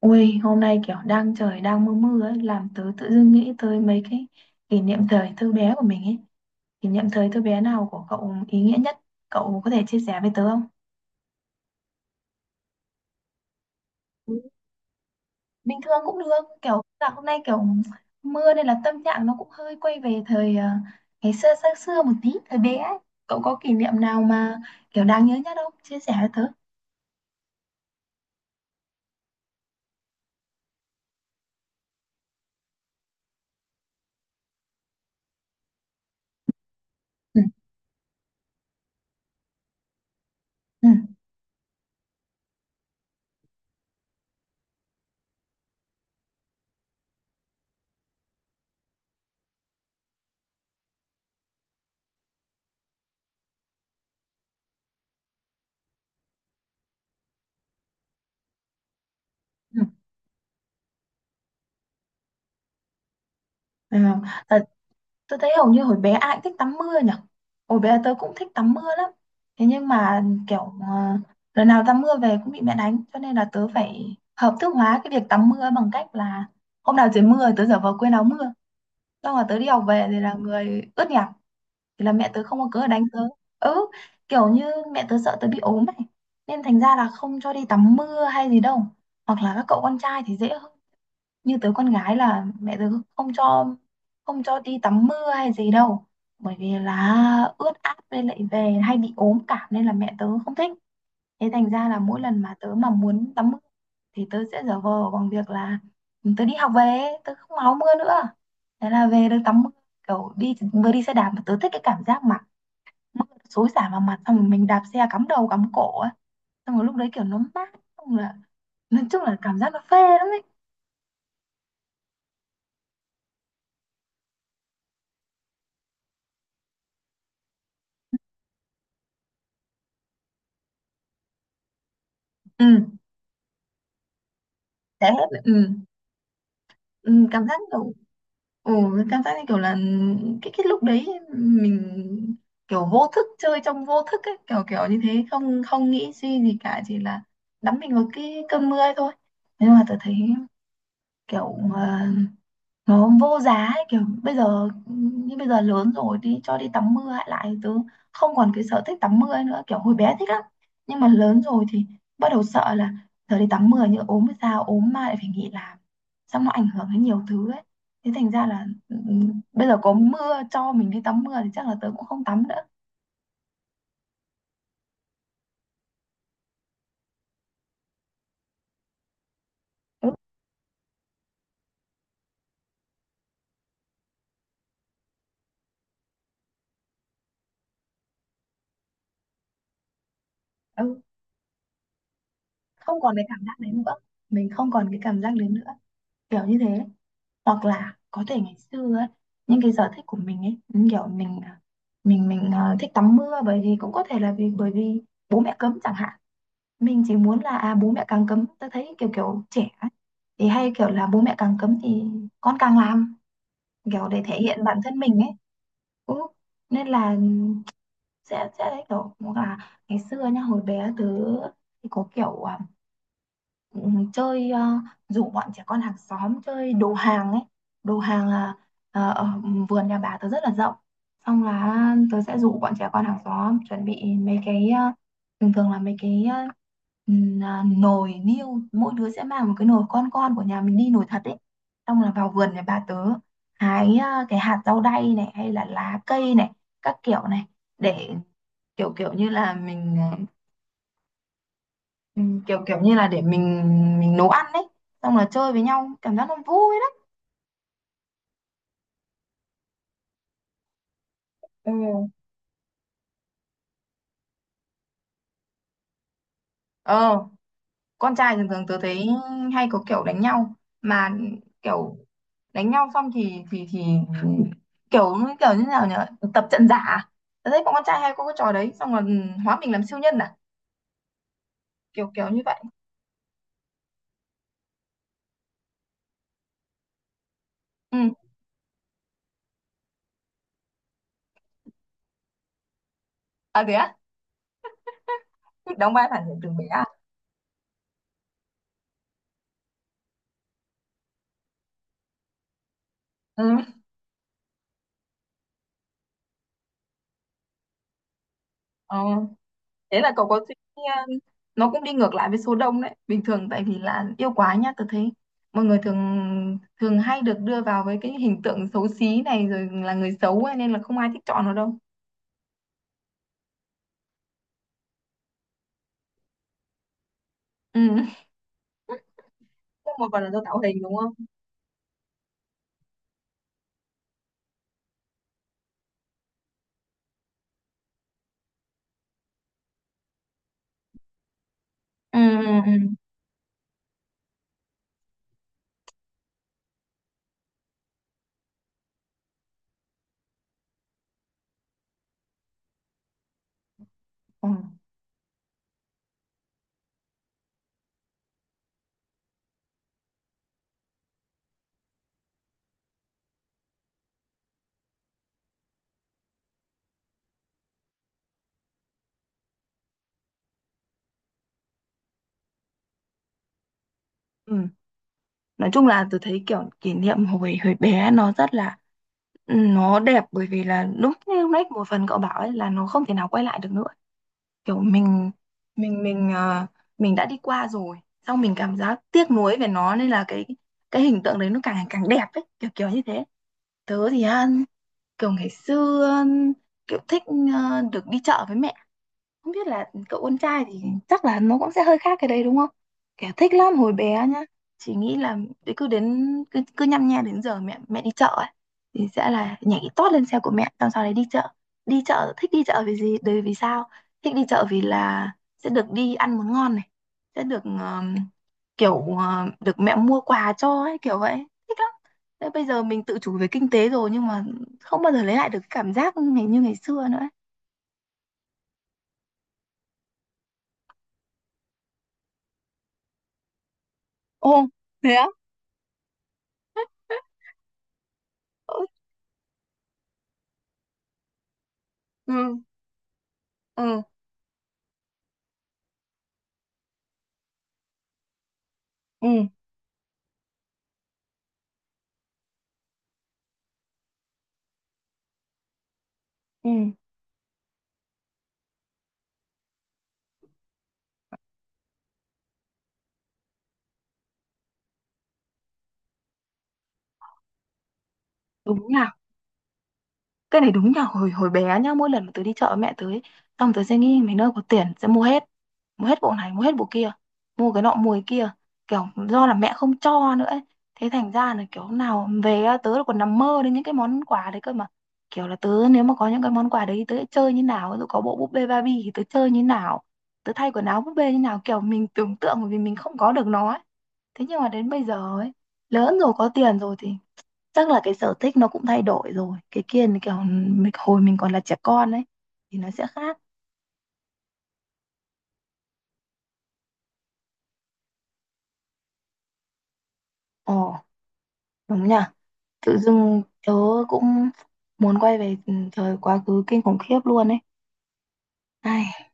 Ui, hôm nay kiểu đang trời đang mưa mưa ấy, làm tớ tự dưng nghĩ tới mấy cái kỷ niệm thời thơ bé của mình ấy. Kỷ niệm thời thơ bé nào của cậu ý nghĩa nhất? Cậu có thể chia sẻ với tớ không? Bình thường cũng được, kiểu là hôm nay kiểu mưa nên là tâm trạng nó cũng hơi quay về thời ngày xưa xa xưa một tí, thời bé ấy. Cậu có kỷ niệm nào mà kiểu đáng nhớ nhất không? Chia sẻ với tớ. Ừ, ừ, ừ. À, tôi thấy hầu như hồi bé ai cũng thích tắm mưa nhỉ. Hồi bé tớ cũng thích tắm mưa lắm. Thế nhưng mà kiểu ờ, lần nào tắm mưa về cũng bị mẹ đánh. Cho nên là tớ phải hợp thức hóa cái việc tắm mưa bằng cách là hôm nào trời mưa tớ giả vờ quên áo mưa. Xong là tớ đi học về thì là người ướt nhẹp. Thì là mẹ tớ không có cớ để đánh tớ. Ừ, kiểu như mẹ tớ sợ tớ bị ốm này. Nên thành ra là không cho đi tắm mưa hay gì đâu. Hoặc là các cậu con trai thì dễ hơn như tớ con gái là mẹ tớ không cho không cho đi tắm mưa hay gì đâu bởi vì là ướt át với lại về hay bị ốm cảm nên là mẹ tớ không thích, thế thành ra là mỗi lần mà tớ mà muốn tắm mưa thì tớ sẽ giả vờ bằng việc là tớ đi học về tớ không áo mưa nữa, thế là về được tắm mưa, kiểu đi vừa đi xe đạp mà tớ thích cái cảm giác mà mưa xối xả vào mặt xong rồi mình đạp xe cắm đầu cắm cổ ấy, xong rồi lúc đấy kiểu nó mát, xong là nói chung là cảm giác nó phê lắm ấy. Ừ, thế hết. Ừ, ừ, cảm giác kiểu ừ, cảm giác như kiểu là cái lúc đấy mình kiểu vô thức, chơi trong vô thức ấy, kiểu kiểu như thế, không không nghĩ suy gì cả, chỉ là đắm mình vào cái cơn mưa ấy thôi. Nhưng mà tôi thấy kiểu nó vô giá ấy, kiểu bây giờ như bây giờ lớn rồi đi cho đi tắm mưa lại, tớ không còn cái sở thích tắm mưa nữa, kiểu hồi bé thích lắm nhưng mà lớn rồi thì bắt đầu sợ là giờ đi tắm mưa như ốm hay sao, ốm mà lại phải nghỉ làm, xong nó ảnh hưởng đến nhiều thứ ấy. Thế thành ra là bây giờ có mưa cho mình đi tắm mưa thì chắc là tớ cũng không tắm nữa. Ừ, ừ. Không còn cái cảm giác đấy nữa, mình không còn cái cảm giác đấy nữa, kiểu như thế. Hoặc là có thể ngày xưa ấy, những cái sở thích của mình ấy, những kiểu mình à, mình thích tắm mưa bởi vì cũng có thể là bởi vì bố mẹ cấm chẳng hạn, mình chỉ muốn là à, bố mẹ càng cấm tôi thấy kiểu kiểu trẻ ấy, thì hay kiểu là bố mẹ càng cấm thì con càng làm, kiểu để thể hiện bản thân mình ấy. Ừ. Nên là sẽ đấy kiểu cũng là ngày xưa nhá, hồi bé tớ thì có kiểu à, ừ, chơi rủ bọn trẻ con hàng xóm chơi đồ hàng ấy. Đồ hàng là ở vườn nhà bà tớ rất là rộng, xong là tớ sẽ rủ bọn trẻ con hàng xóm chuẩn bị mấy cái thường thường là mấy cái nồi niêu, mỗi đứa sẽ mang một cái nồi con của nhà mình đi, nồi thật ấy, xong là vào vườn nhà bà tớ hái à, cái hạt rau đay này hay là lá cây này, các kiểu này, để kiểu kiểu như là mình ừ, kiểu kiểu như là để mình nấu ăn đấy, xong là chơi với nhau cảm giác nó vui lắm. Ừ. ờ con trai thường thường tớ thấy hay có kiểu đánh nhau, mà kiểu đánh nhau xong thì thì kiểu kiểu như nào nhỉ, tập trận giả, tớ thấy bọn con trai hay có cái trò đấy, xong rồi ừ, hóa mình làm siêu nhân à, kiểu kiểu như vậy. Ừ, à thế á, thích đóng vai phản diện từ bé à? Ừ. ờ Thế là cậu có suy nghĩ, nó cũng đi ngược lại với số đông đấy bình thường, tại vì là yêu quá nhá tôi thấy mọi người thường thường hay được đưa vào với cái hình tượng xấu xí này rồi là người xấu ấy, nên là không ai thích chọn nó đâu. Ừ. Thế một phần là do tạo hình đúng không? Ừ, ừ, ừ. Ừ. Ừ. Nói chung là tôi thấy kiểu kỷ niệm hồi hồi bé nó rất là, nó đẹp bởi vì là lúc như lúc nãy một phần cậu bảo ấy là nó không thể nào quay lại được nữa, kiểu mình mình mình đã đi qua rồi, xong mình cảm giác tiếc nuối về nó nên là cái hình tượng đấy nó càng ngày càng đẹp ấy, kiểu kiểu như thế. Tớ thì kiểu ngày xưa kiểu thích được đi chợ với mẹ, không biết là cậu con trai thì chắc là nó cũng sẽ hơi khác cái đấy đúng không? Kẻ thích lắm hồi bé nhá. Chỉ nghĩ là đấy cứ nhăm nhe đến giờ mẹ mẹ đi chợ ấy thì sẽ là nhảy tót lên xe của mẹ xong sau đấy đi chợ. Đi chợ thích, đi chợ vì gì? Đấy vì sao? Thích đi chợ vì là sẽ được đi ăn món ngon này, sẽ được kiểu được mẹ mua quà cho ấy kiểu vậy. Thích lắm. Thế bây giờ mình tự chủ về kinh tế rồi nhưng mà không bao giờ lấy lại được cái cảm giác ngày như ngày xưa nữa ấy. Ồ, thế á? Ừ, ừ, ừ, ừ, đúng nhỉ, cái này đúng nhỉ, hồi hồi bé nhá, mỗi lần mà tớ đi chợ với mẹ tớ ấy, xong tớ sẽ nghĩ mấy nơi có tiền sẽ mua hết, mua hết bộ này, mua hết bộ kia, mua cái nọ mua cái kia, kiểu do là mẹ không cho nữa ấy. Thế thành ra là kiểu nào về á, tớ còn nằm mơ đến những cái món quà đấy cơ mà, kiểu là tớ nếu mà có những cái món quà đấy thì tớ sẽ chơi như nào, ví dụ có bộ búp bê Barbie thì tớ chơi như nào, tớ thay quần áo búp bê như nào, kiểu mình tưởng tượng bởi vì mình không có được nó ấy. Thế nhưng mà đến bây giờ ấy, lớn rồi có tiền rồi thì chắc là cái sở thích nó cũng thay đổi rồi, cái kia là kiểu mình hồi mình còn là trẻ con ấy thì nó sẽ khác. Ồ, đúng nhỉ, tự dưng tớ cũng muốn quay về ừ, thời quá khứ kinh khủng khiếp luôn ấy. Ai.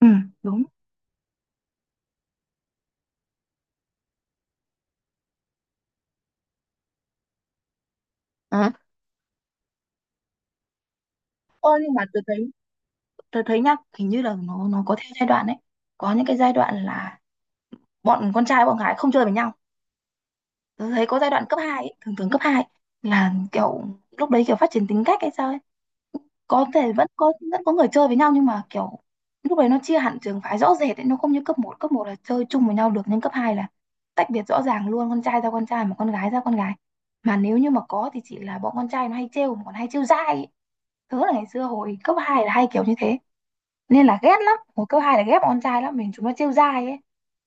Ừ, đúng. Ờ, Ơ nhưng mà tớ thấy, tớ thấy nhá, hình như là nó có theo giai đoạn ấy, có những cái giai đoạn là bọn con trai bọn gái không chơi với nhau, tớ thấy có giai đoạn cấp 2 ấy, thường thường cấp 2 là kiểu lúc đấy kiểu phát triển tính cách hay sao ấy, có thể vẫn có người chơi với nhau nhưng mà kiểu lúc đấy nó chia hẳn trường phái rõ rệt ấy, nó không như cấp một, cấp một là chơi chung với nhau được nhưng cấp 2 là tách biệt rõ ràng luôn, con trai ra con trai mà con gái ra con gái, mà nếu như mà có thì chỉ là bọn con trai nó hay trêu, còn hay trêu dai ấy. Tớ là ngày xưa hồi cấp 2 là hay kiểu như thế, nên là ghét lắm, hồi cấp hai là ghét bọn con trai lắm, mình chúng nó trêu dai ấy,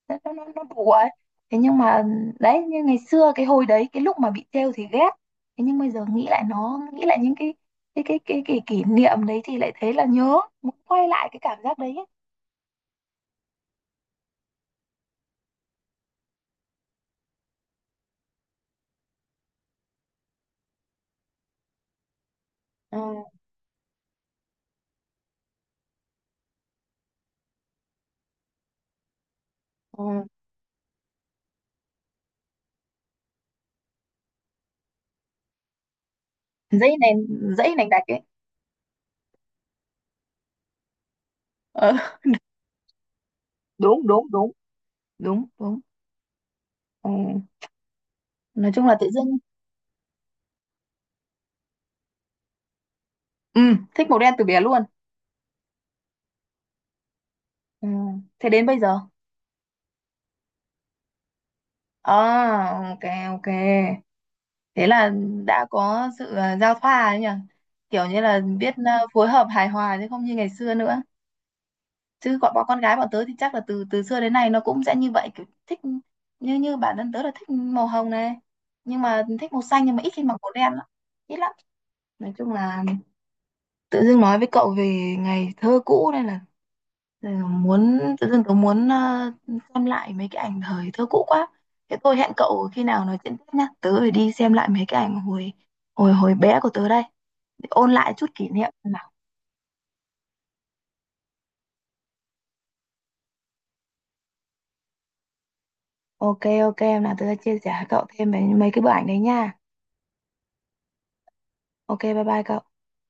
nó đùa ấy. Thế nhưng mà đấy, như ngày xưa cái hồi đấy cái lúc mà bị trêu thì ghét, thế nhưng bây giờ nghĩ lại, nghĩ lại những cái cái kỷ niệm đấy thì lại thấy là nhớ, muốn quay lại cái cảm giác đấy ấy. Ừ, ừ. Dãy này, dãy này đặc ấy. Ờ, đúng đúng đúng, đúng đúng. Ừ. Nói chung là tự dưng ừ, thích màu đen từ bé luôn. Ừ. Thế đến bây giờ à, ok, ok, thế là đã có sự giao thoa ấy nhỉ, kiểu như là biết phối hợp hài hòa chứ không như ngày xưa nữa, chứ bọn bọn con gái bọn tớ thì chắc là từ từ xưa đến nay nó cũng sẽ như vậy, kiểu thích như như bản thân tớ là thích màu hồng này, nhưng mà thích màu xanh, nhưng mà ít khi mặc màu đen lắm, ít lắm. Nói chung là tự dưng nói với cậu về ngày thơ cũ đây là, rồi muốn, tự dưng tớ muốn xem lại mấy cái ảnh thời thơ cũ quá. Thế tôi hẹn cậu khi nào nói chuyện tiếp nhá. Tớ phải đi xem lại mấy cái ảnh hồi hồi hồi bé của tớ đây. Để ôn lại chút kỷ niệm nào. Ok ok, em nào tớ sẽ chia sẻ với cậu thêm về mấy cái bức ảnh đấy nha. Ok, bye bye cậu.